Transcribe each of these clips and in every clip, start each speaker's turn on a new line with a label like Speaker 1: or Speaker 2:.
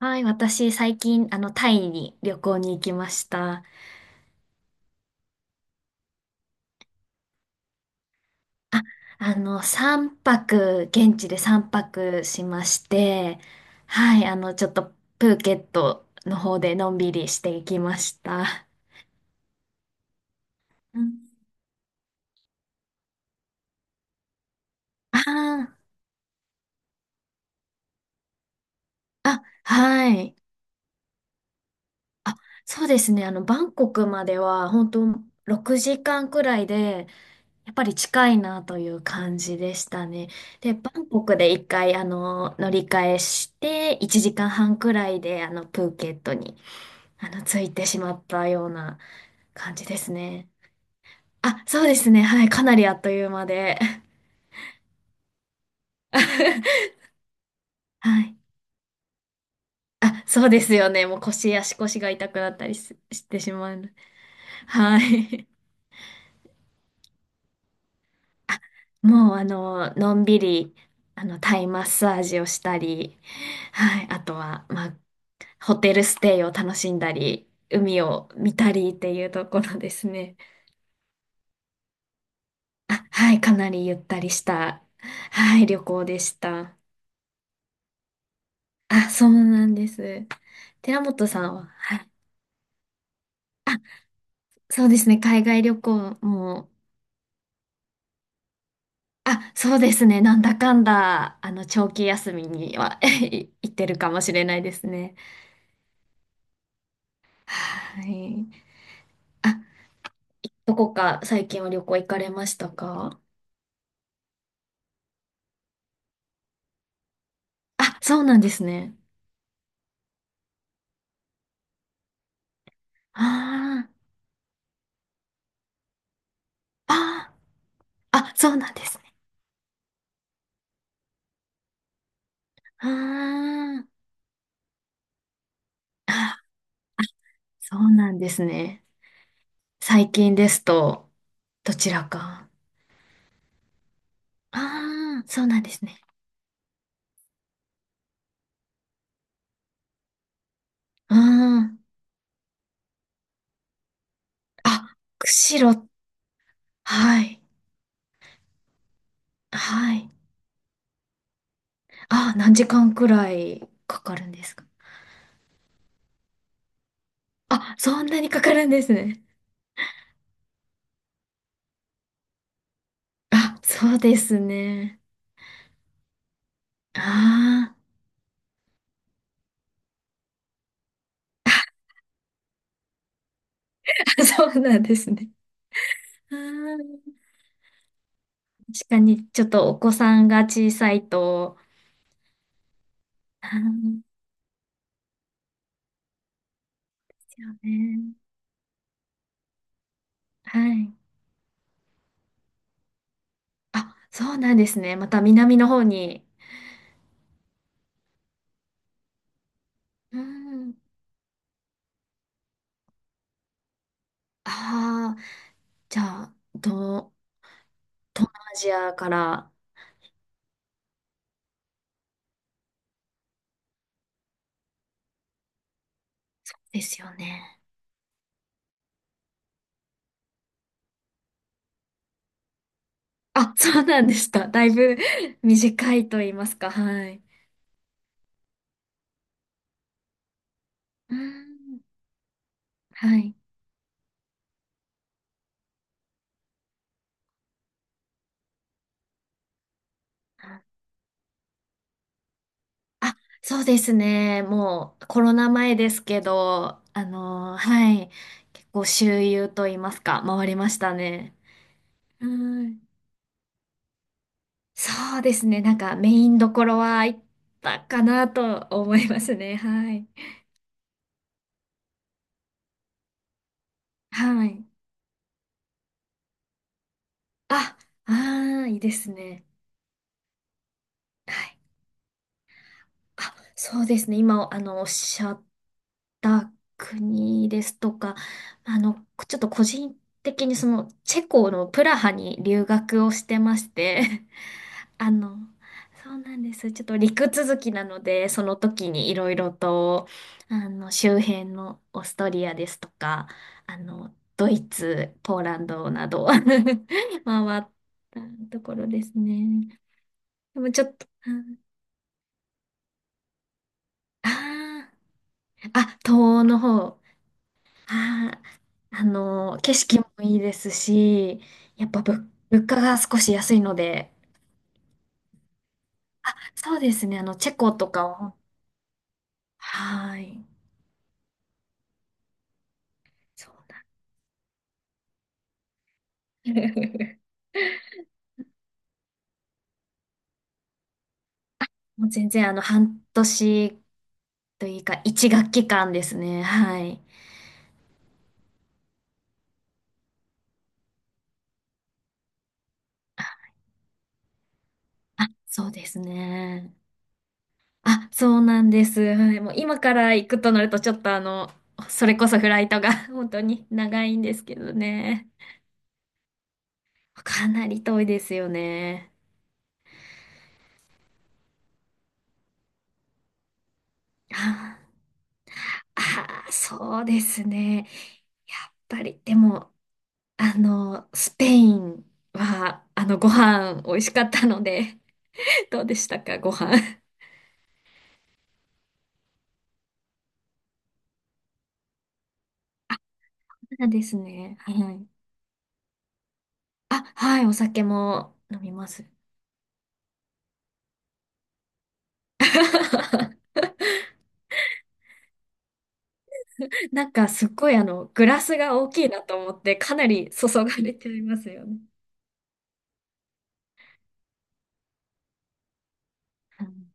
Speaker 1: はい、私最近、タイに旅行に行きました。3泊、現地で3泊しまして、はい、ちょっとプーケットの方でのんびりしていきました。うん、あー、あ、はい。あ、そうですね。バンコクまでは、本当6時間くらいで、やっぱり近いなという感じでしたね。で、バンコクで一回、乗り換えして、1時間半くらいで、プーケットに、着いてしまったような感じですね。あ、そうですね。はい。かなりあっという間で。はい。あ、そうですよね。もう足腰が痛くなったりしてしまうの。はい。もう、のんびり、タイマッサージをしたり、はい。あとは、まあ、ホテルステイを楽しんだり、海を見たりっていうところですね。あ、はい、かなりゆったりした、はい、旅行でした。あ、そうなんです。寺本さんは、はい。あ、そうですね、海外旅行も、あ、そうですね、なんだかんだ、長期休みには 行ってるかもしれないですね。はい。あ、どこか最近は旅行行かれましたか？あ、そうなんですね。あー、あー。あ、そうなんですね。あー、あ、あ、そうなんですね。最近ですと、どちらか？ああ、そうなんですね。あー、あ、釧路、はい、はい。あ、何時間くらいかかるんですか？あ、そんなにかかるんですね。あ、そうですね。ああ、そうなんですね。あー、確かに、ちょっとお子さんが小さいと、あーですよね。はい。あ、そうなんですね。また南の方に。うん。ああ、じゃあ、東南アジアからですよね。あ、そうなんですか。だいぶ 短いと言いますか。はい。うん。はい。あ、そうですね。もうコロナ前ですけど、はい。結構周遊と言いますか、回りましたね。はい。そうですね。なんかメインどころは行ったかなと思いますね。はい。はい。あ、ああ、いいですね。はい。あ、そうですね。今、おっしゃった国ですとか、ちょっと個人的にチェコのプラハに留学をしてまして、あの、そうなんです。ちょっと陸続きなので、その時にいろいろと、周辺のオーストリアですとか、ドイツ、ポーランドなど 回ったところですね。でもちょっと、ああー、あ、東欧の方、あー、景色もいいですし、やっぱ物価が少し安いので、あ、そうですね、チェコとかは、はい。そう、 もう全然半年というか一学期間ですね。はい。あ、そうですね。あ、そうなんです。はい。もう今から行くとなるとちょっとそれこそフライトが 本当に長いんですけどね。かなり遠いですよね。ああ、そうですね。やっぱり、でも、スペインは、ご飯美味しかったので、どうでしたか、ご飯？そうですね。はい。あ、はい、お酒も飲みます。なんかすっごいグラスが大きいなと思って、かなり注がれちゃいますよね。うん、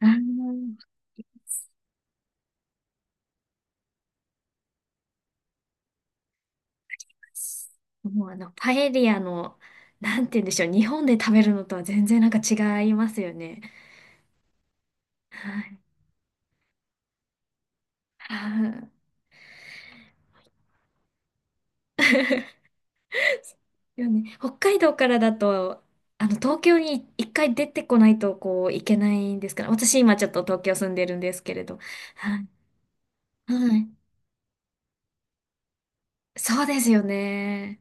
Speaker 1: あの、もうパエリアの、なんて言うんでしょう、日本で食べるのとは全然なんか違いますよね。はい。はいよね。北海道からだと、東京に一回出てこないと、こう、いけないんですから。私今ちょっと東京住んでるんですけれど。はい。はい。そうですよね。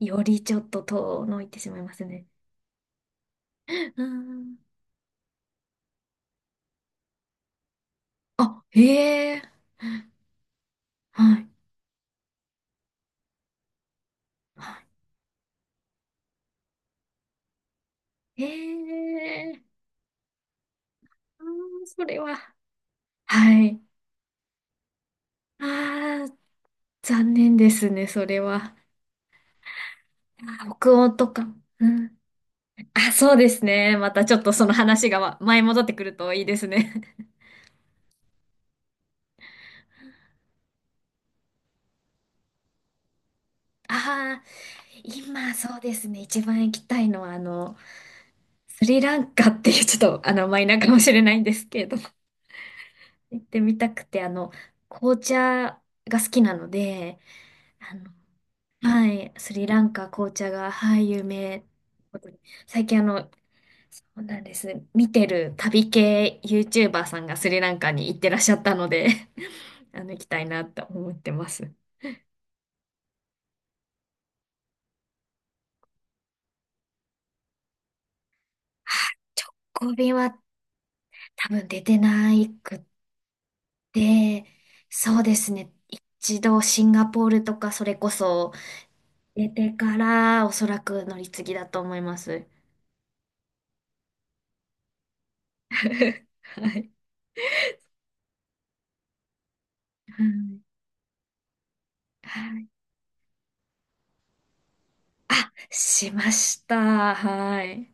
Speaker 1: よりちょっと遠のいてしまいますね。うん。あ、へえ。はい。はい。へえ。あー、それは。はい。ああ、残念ですね、それは。あー、北欧とか。うん。あ、そうですね。またちょっとその話が前戻ってくるといいですね。ああ、今そうですね。一番行きたいのは、スリランカっていうちょっとマイナーかもしれないんですけれども行ってみたくて、紅茶が好きなので、あの、はい、スリランカ紅茶が、はい、有名。最近そうなんです。見てる旅系 YouTuber さんがスリランカに行ってらっしゃったので、 行きたいなと思ってます。はい、直行便は多分出てないくって、そうですね。一度シンガポールとかそれこそ出てからおそらく乗り継ぎだと思います。はい。はい。はい。あ、しました。はい。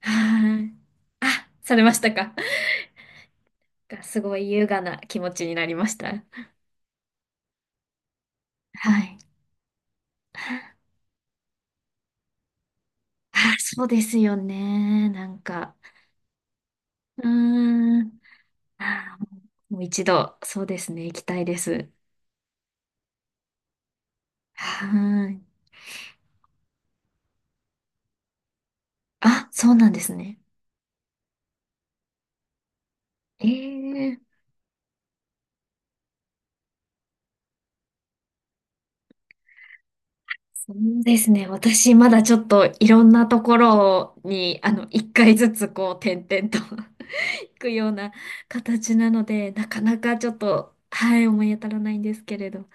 Speaker 1: はい。あ、されましたか。がすごい優雅な気持ちになりました。はい。あ、そうですよね。なんか、うーん。あ、もう一度、そうですね。行きたいです。はい。あ、そうなんですね。ええ、そうですね。私、まだちょっといろんなところに、一回ずつこう、点々とくような形なので、なかなかちょっと、はい、思い当たらないんですけれど。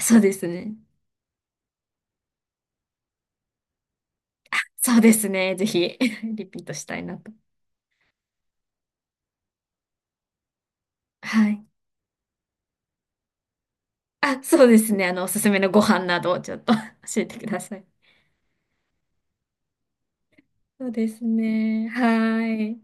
Speaker 1: そうですね。そうですね。ぜひ、リピートしたいなと。はい。あ、そうですね。おすすめのご飯などをちょっと 教えてください。そうですね。はい。